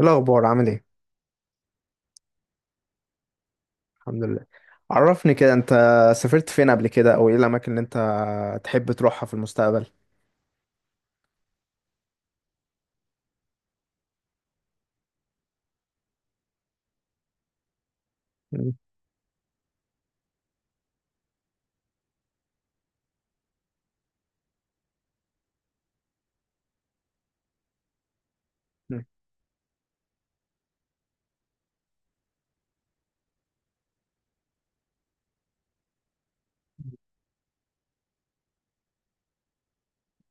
إيه الأخبار عامل إيه؟ الحمد لله. عرفني كده أنت سافرت فين قبل كده أو إيه الأماكن اللي أنت تحب تروحها في المستقبل؟ مم. مم.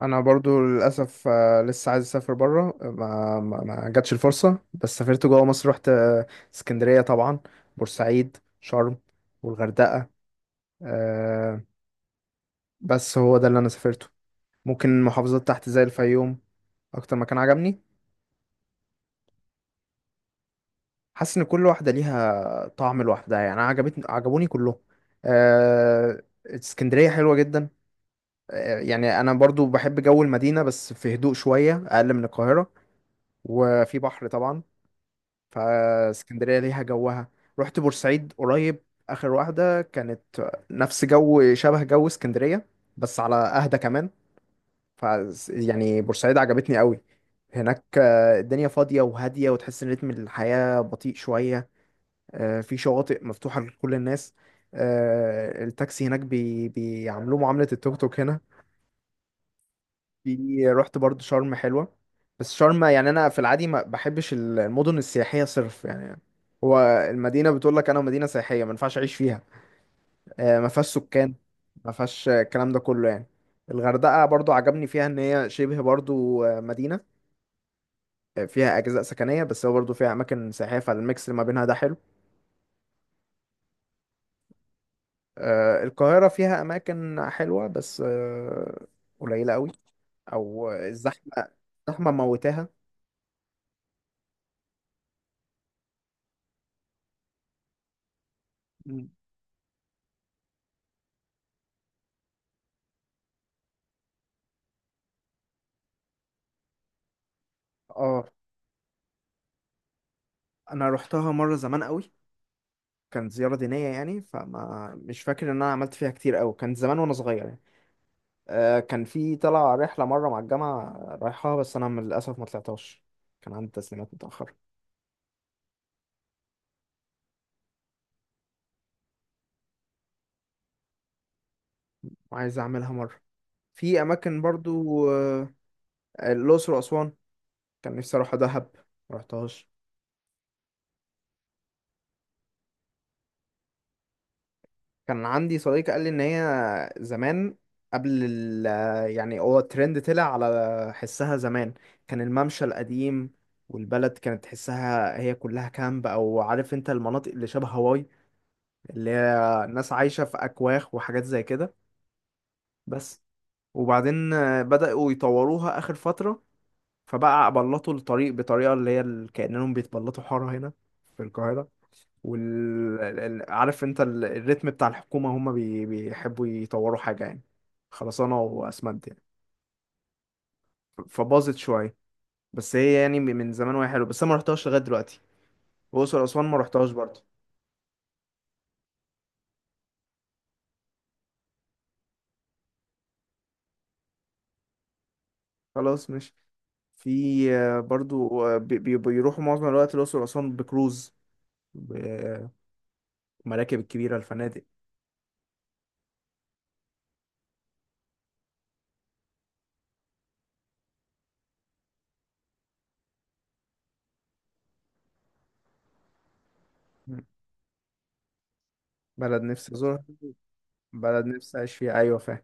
أنا برضو للأسف لسه عايز أسافر برا ما جاتش الفرصة بس سافرت جوا مصر رحت اسكندرية طبعا، بورسعيد، شرم والغردقة. آه، بس هو ده اللي أنا سافرته، ممكن محافظات تحت زي الفيوم. أكتر مكان عجبني، حاسس ان كل واحده ليها طعم لوحدها، يعني انا عجبوني كلهم. اسكندريه حلوه جدا، يعني انا برضو بحب جو المدينه بس في هدوء شويه اقل من القاهره، وفي بحر طبعا، فاسكندريه ليها جوها. رحت بورسعيد قريب، اخر واحده كانت، نفس جو شبه جو اسكندريه بس على اهدى كمان. ف يعني بورسعيد عجبتني قوي، هناك الدنيا فاضيه وهاديه وتحس ان رتم الحياه بطيء شويه. في شواطئ مفتوحة لكل الناس. التاكسي هناك بيعاملوه معاملة التوك توك هنا. في رحت برضو شرم حلوة، بس شرم يعني أنا في العادي ما بحبش المدن السياحية صرف يعني. هو المدينة بتقول لك أنا مدينة سياحية ما ينفعش أعيش فيها، ما فيهاش سكان، ما فيهاش الكلام ده كله يعني. الغردقة برضو عجبني فيها إن هي شبه برضو مدينة، فيها أجزاء سكنية بس هو برضو فيها أماكن سياحية فالميكس اللي ما بينها ده حلو. القاهرة فيها أماكن حلوة بس قليلة قوي، أو الزحمة، الزحمة موتاها. مم. اه. أنا روحتها مرة زمان قوي، كانت زيارة دينية يعني، فما مش فاكر إن أنا عملت فيها كتير قوي، كان زمان وأنا صغير يعني. كان في طلع رحلة مرة مع الجامعة رايحها بس أنا للأسف ما طلعتهاش، كان عندي تسليمات متأخرة. وعايز أعملها مرة. في أماكن برضو الأقصر وأسوان. كان نفسي أروح دهب، ما رحتهاش. كان عندي صديق قال لي ان هي زمان، قبل ال يعني هو الترند طلع على حسها زمان، كان الممشى القديم، والبلد كانت تحسها هي كلها كامب، او عارف انت، المناطق اللي شبه هاواي، اللي هي ناس عايشة في اكواخ وحاجات زي كده. بس. وبعدين بدأوا يطوروها اخر فترة، فبقى بلطوا الطريق بطريقة كأنهم بيتبلطوا حارة هنا في القاهرة. عارف انت الريتم بتاع الحكومة، هم بيحبوا يطوروا حاجة يعني، خرسانة وأسمنت يعني، فباظت شوية. بس هي يعني من زمان وهي حلوة، بس أنا ما رحتهاش لغاية دلوقتي. وأقصر وأسوان ما رحتهاش برضه. خلاص ماشي. في برضو بيروحوا معظم الوقت الأقصر وأسوان بكروز، بمراكب الكبيرة، الفنادق. مم. بلد نفسي أزورها، بلد نفسي أعيش فيها، أيوة فاهم.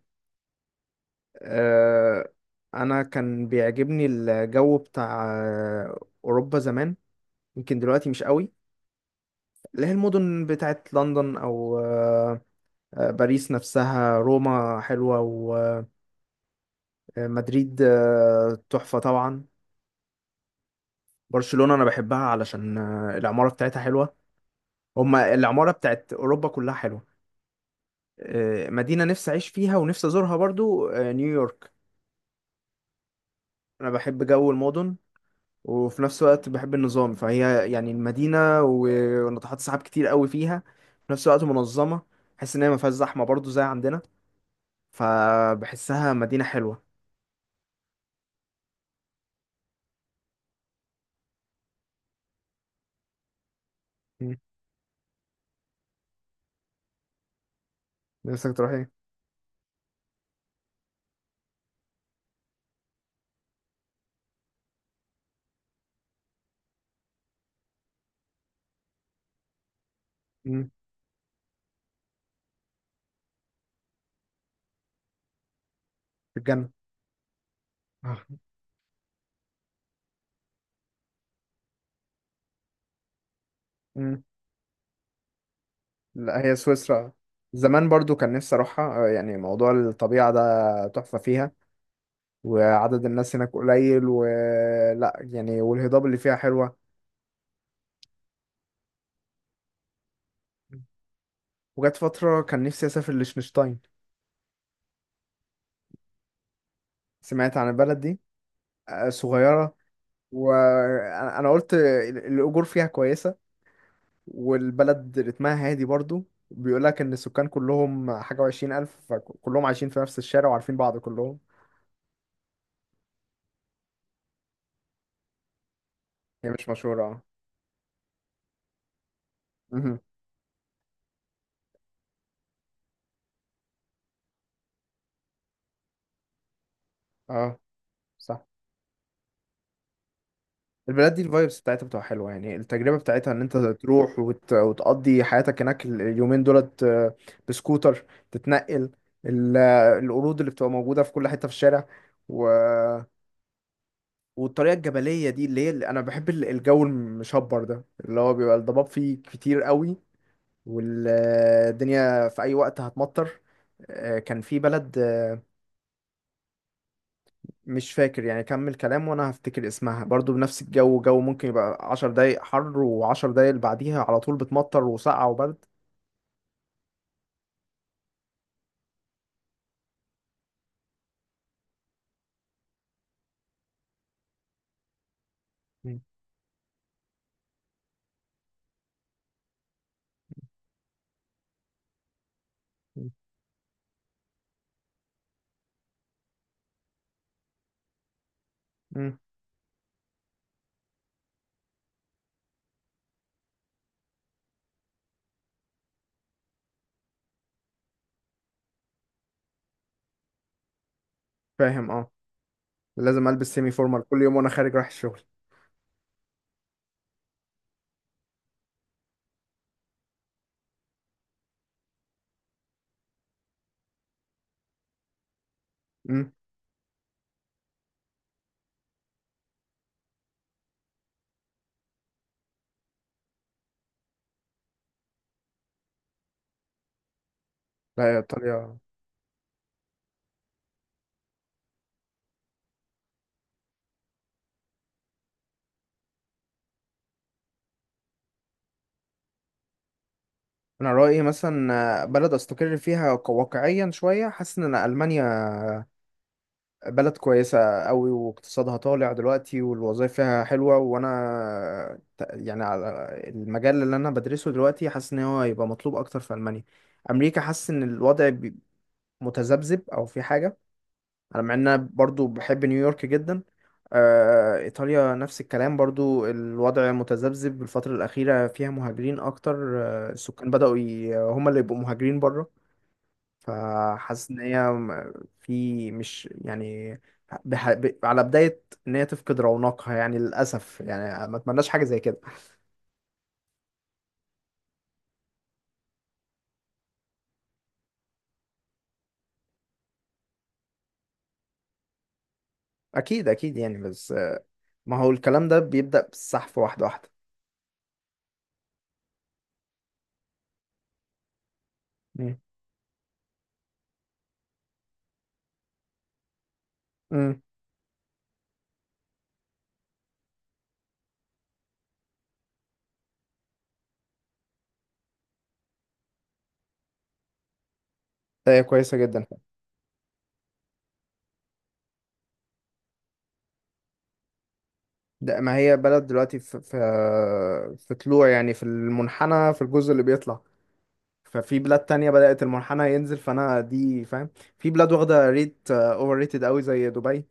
أه... أنا كان بيعجبني الجو بتاع أوروبا زمان، يمكن دلوقتي مش قوي. اللي هي المدن بتاعت لندن او آه، آه، باريس نفسها، روما حلوة، ومدريد تحفة طبعا. برشلونة انا بحبها علشان العمارة بتاعتها حلوة، هما العمارة بتاعت اوروبا كلها حلوة. مدينة نفسي اعيش فيها ونفسي ازورها برضو نيويورك، انا بحب جو المدن، وفي نفس الوقت بحب النظام، فهي يعني المدينة وناطحات سحاب كتير قوي فيها، في نفس الوقت منظمة، بحس ان هي ما فيهاش زحمة برضو زي عندنا، فبحسها مدينة حلوة. مم. نفسك تروح ايه. مم. في الجنة. آه. مم. لا هي سويسرا زمان برضو كان نفسي اروحها، يعني موضوع الطبيعة ده تحفة فيها، وعدد الناس هناك قليل ولا يعني، والهضاب اللي فيها حلوة. وجت فترة كان نفسي اسافر لشنشتاين. سمعت عن البلد دي صغيرة، أنا قلت الاجور فيها كويسة، والبلد رتمها هادي برضو، بيقول لك ان السكان كلهم حاجه و20 الف، فكلهم عايشين في نفس الشارع وعارفين بعض كلهم. هي مش مشهوره اه. مهم. اه. صح. البلاد دي الفايبس بتاعتها بتبقى حلوه، يعني التجربه بتاعتها ان انت تروح وتقضي حياتك هناك اليومين دولت، بسكوتر تتنقل، ال... آه، القرود اللي بتبقى موجوده في كل حته في الشارع، و... والطريقه الجبليه دي اللي هي اللي انا بحب الجو المشبر ده اللي هو بيبقى الضباب فيه كتير قوي، والدنيا في اي وقت هتمطر. كان في بلد مش فاكر، يعني كمل كلام وانا هفتكر اسمها، برضو بنفس الجو، جو ممكن يبقى 10 دقايق حر وعشر دقايق اللي بعديها على طول بتمطر وسقعة وبرد. مم. مم. مم. فاهم اه، لازم البس سيمي فورمال كل يوم وانا خارج رايح الشغل. مم. لا يا طريقة. انا رأيي مثلا بلد استقر فيها واقعيا شوية، حاسس ان أنا المانيا بلد كويسة قوي، واقتصادها طالع دلوقتي، والوظائف فيها حلوة، وانا يعني على المجال اللي انا بدرسه دلوقتي، حاسس ان هو هيبقى مطلوب اكتر في المانيا. امريكا حاسس ان الوضع متذبذب او في حاجة، على مع ان انا برضو بحب نيويورك جدا. ايطاليا نفس الكلام، برضو الوضع متذبذب الفترة الاخيرة، فيها مهاجرين اكتر، السكان بدأوا هم اللي يبقوا مهاجرين بره، فحاسس ان هي في، مش يعني، على بداية ان هي تفقد رونقها يعني، للأسف يعني ما اتمناش حاجة زي كده. اكيد اكيد يعني، بس ما هو الكلام ده بيبدأ بالسحف واحدة واحدة. مم. مم. ده هي كويسة جدا. ده ما هي بلد دلوقتي في في طلوع، يعني في المنحنى في الجزء اللي بيطلع، ففي بلاد تانية بدأت المنحنى ينزل، فأنا دي فاهم. في بلاد واخدة ريت اوفر ريتد قوي زي دبي.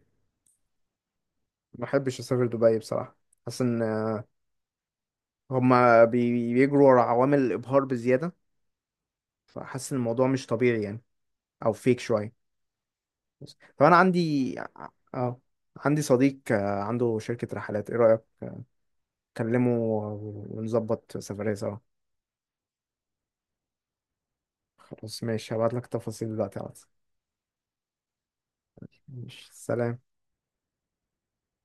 ما بحبش أسافر دبي بصراحة، حاسس ان هما بيجروا ورا عوامل الإبهار بزيادة، فحاسس إن الموضوع مش طبيعي يعني، أو فيك شوية بس. فأنا عندي، اه، عندي صديق عنده شركة رحلات، إيه رأيك؟ كلمه ونظبط سفرية سوا. خلاص ماشي، هبعتلك تفاصيل دلوقتي على الواتس. ماشي سلام.